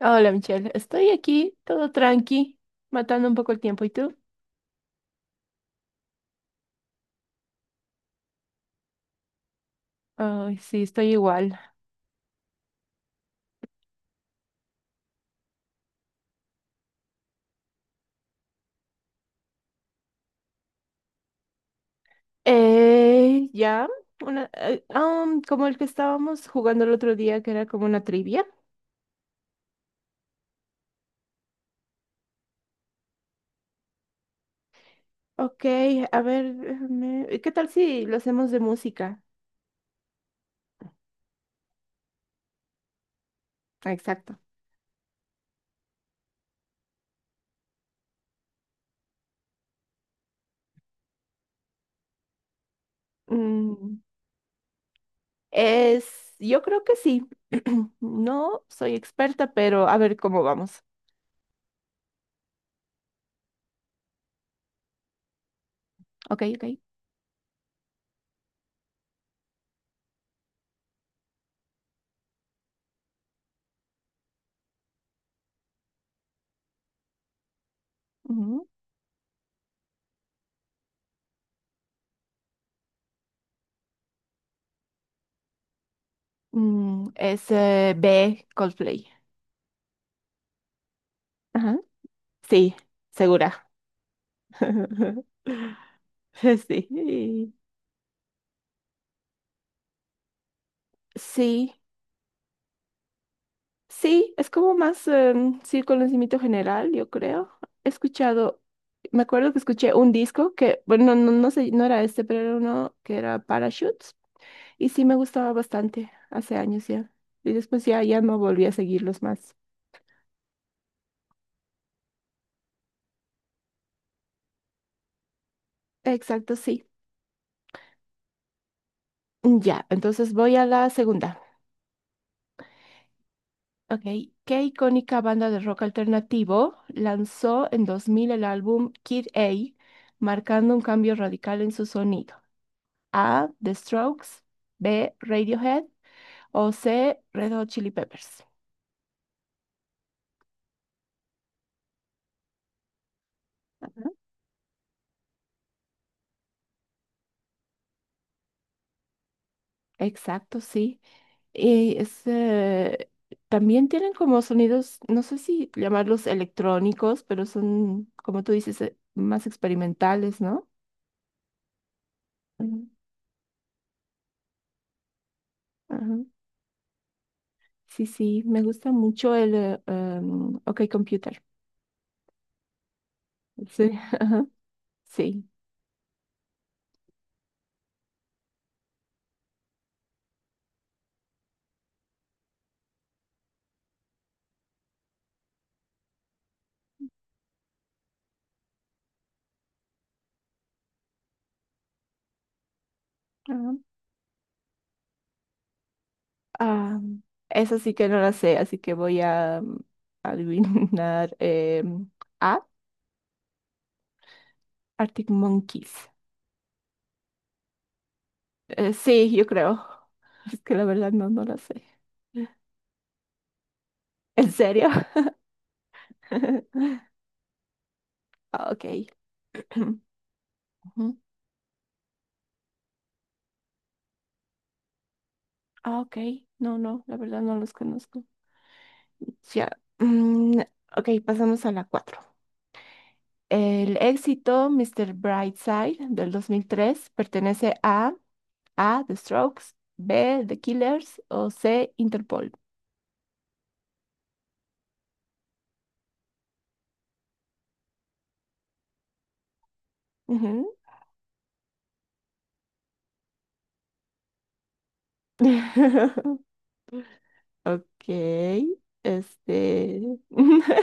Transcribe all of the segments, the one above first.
Hola, Michelle, estoy aquí, todo tranqui, matando un poco el tiempo. ¿Y tú? Ay, sí, estoy igual. Ya, una, como el que estábamos jugando el otro día, que era como una trivia. Ok, a ver, ¿qué tal si lo hacemos de música? Ah, exacto. Mm, yo creo que sí. No soy experta, pero a ver cómo vamos. Ok, ok. Mm, es B, Coldplay. Ajá. Sí, segura. Sí. Sí, sí, es como más sí, conocimiento general, yo creo. He escuchado, me acuerdo que escuché un disco que, bueno, no, no sé, no era este, pero era uno que era Parachutes. Y sí me gustaba bastante hace años ya. Y después ya, ya no volví a seguirlos más. Exacto, sí. Ya, entonces voy a la segunda. Ok, ¿qué icónica banda de rock alternativo lanzó en 2000 el álbum Kid A, marcando un cambio radical en su sonido? A, The Strokes; B, Radiohead; o C, Red Hot Chili Peppers. Exacto, sí. Y también tienen como sonidos, no sé si llamarlos electrónicos, pero son, como tú dices, más experimentales, ¿no? Ujú. Ajá. Sí, sí, me gusta mucho el OK Computer. Sí, ajá, sí. Ajá. Ah, esa sí que no la sé, así que voy a adivinar. A Arctic Monkeys. Sí, yo creo. Es que la verdad no, no la sé. ¿En serio? Ah, ok. Ujú. Ah, ok. No, no, la verdad no los conozco. Ya. Mm, ok, pasamos a la 4. El éxito Mr. Brightside del 2003 pertenece a A, The Strokes; B, The Killers; o C, Interpol. Ujú. Ok, este.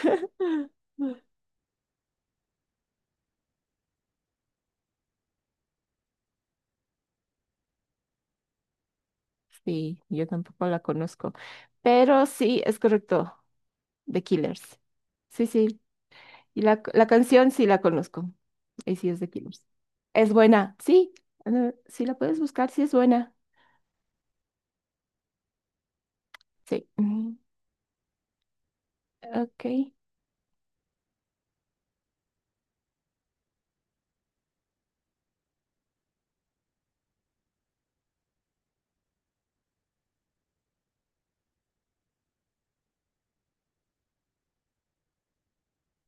Sí, yo tampoco la conozco, pero sí, es correcto, The Killers. Sí, sí, y la canción sí la conozco, y sí es The Killers. Es buena, sí, si la puedes buscar, sí es buena. Sí, ujú, ok.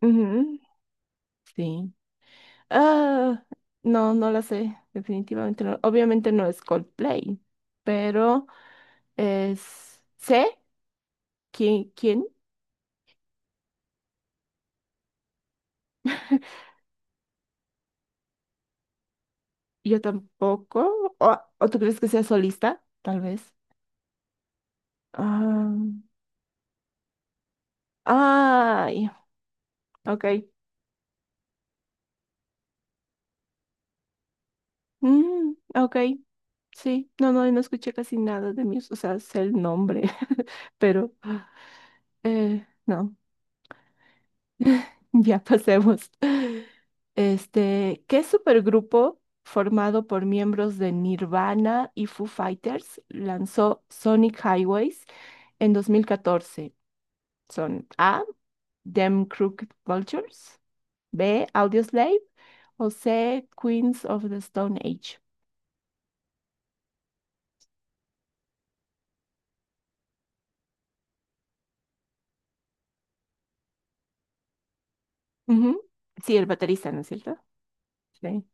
Ujú. Sí. Ah, no, no la sé, definitivamente no. Obviamente no es Coldplay, pero ¿Sé quién? ¿Quién? Yo tampoco. ¿O tú crees que sea solista? Tal vez. Ah, ay, ok. Ok, sí. No, no, no escuché casi nada de Muse. O sea, sé el nombre, pero no. Ya pasemos. Este, ¿qué supergrupo formado por miembros de Nirvana y Foo Fighters lanzó Sonic Highways en 2014? Son A, Them Crooked Vultures; B, Audioslave; o C, Queens of the Stone Age. Ujú. Sí, el baterista, ¿no es cierto? Sí.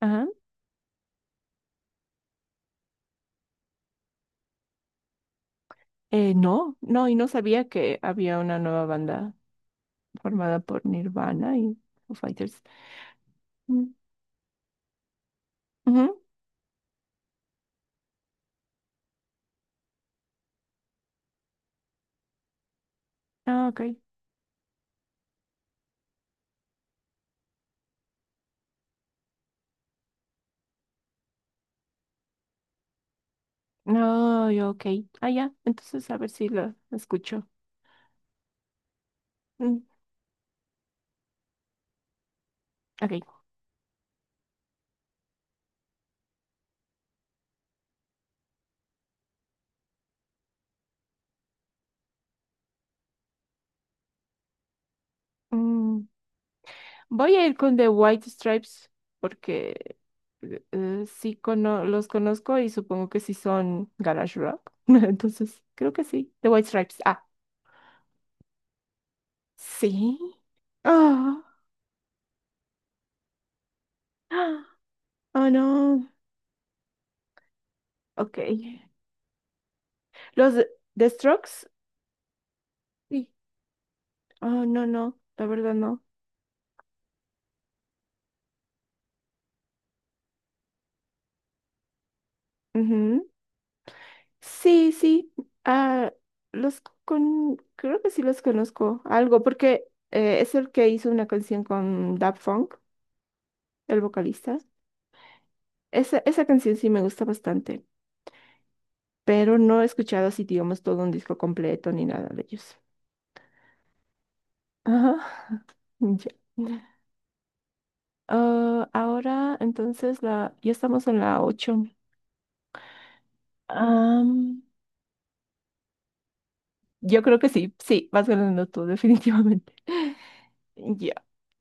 Ajá. No, no, y no sabía que había una nueva banda formada por Nirvana y Foo Fighters. Mm. Ah, ok. No, yo, ok. Ah, ya. Entonces, a ver si lo escucho. Mm, ok. Mm, Voy a ir con The White Stripes porque sí los conozco y supongo que sí son garage rock. Entonces, creo que sí. The White Stripes. Ah, sí. Ah, ah, oh, no. Ok. Los The Strokes. Sí. Oh, no, no. La verdad, no. Sí, sí, ah, creo que sí los conozco algo, porque es el que hizo una canción con Daft Funk, el vocalista. Esa canción sí me gusta bastante, pero no he escuchado así, digamos, todo un disco completo ni nada de ellos. Ajá, ya. Ah, ahora, entonces, ya estamos en la 8. Am, yo creo que sí, sí, vas ganando tú, definitivamente. Ya.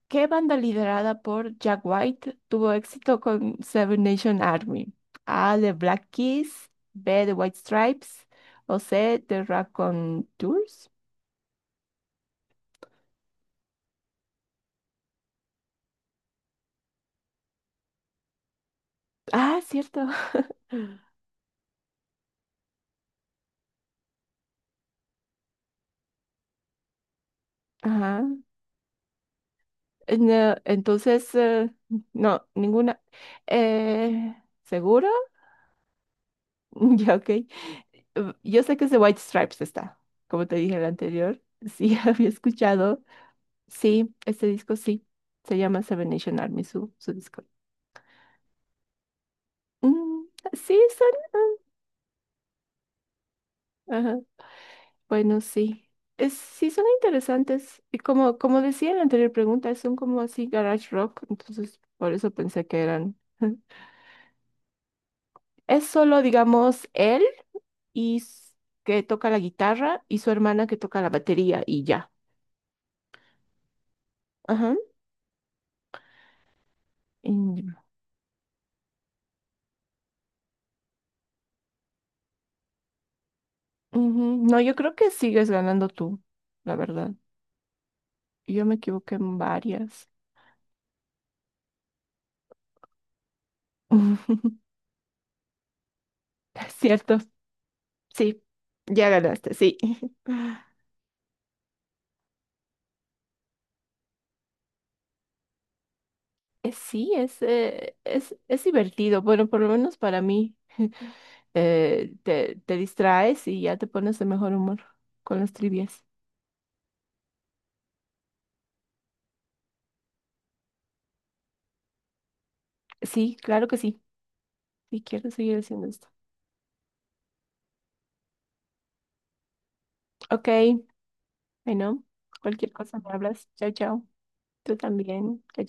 ¿Qué banda liderada por Jack White tuvo éxito con Seven Nation Army? A, The Black Keys; B, The White Stripes; o C, The Tours. Ah, cierto. Ajá. No, entonces, no, ninguna. Eh, ¿Seguro? Ya, ok. Yo sé que es The White Stripes está, como te dije en el anterior. Sí, había escuchado. Sí, este disco sí. Se llama Seven Nation Army, su disco. Mm, sí, son. Ajá. Bueno, sí. Sí, son interesantes. Y como decía en la anterior pregunta, son como así garage rock. Entonces, por eso pensé que eran. Es solo, digamos, él y que toca la guitarra y su hermana que toca la batería y ya. Ajá. Y- Ujú. No, yo creo que sigues ganando tú, la verdad. Yo me equivoqué en varias. Es cierto. Sí, ya ganaste, sí. Sí, es divertido. Bueno, por lo menos para mí. Te distraes y ya te pones de mejor humor con las trivias. Sí, claro que sí. Si quiero seguir haciendo esto. Ok, bueno, cualquier cosa me hablas. Chao, chao. Tú también. Chao,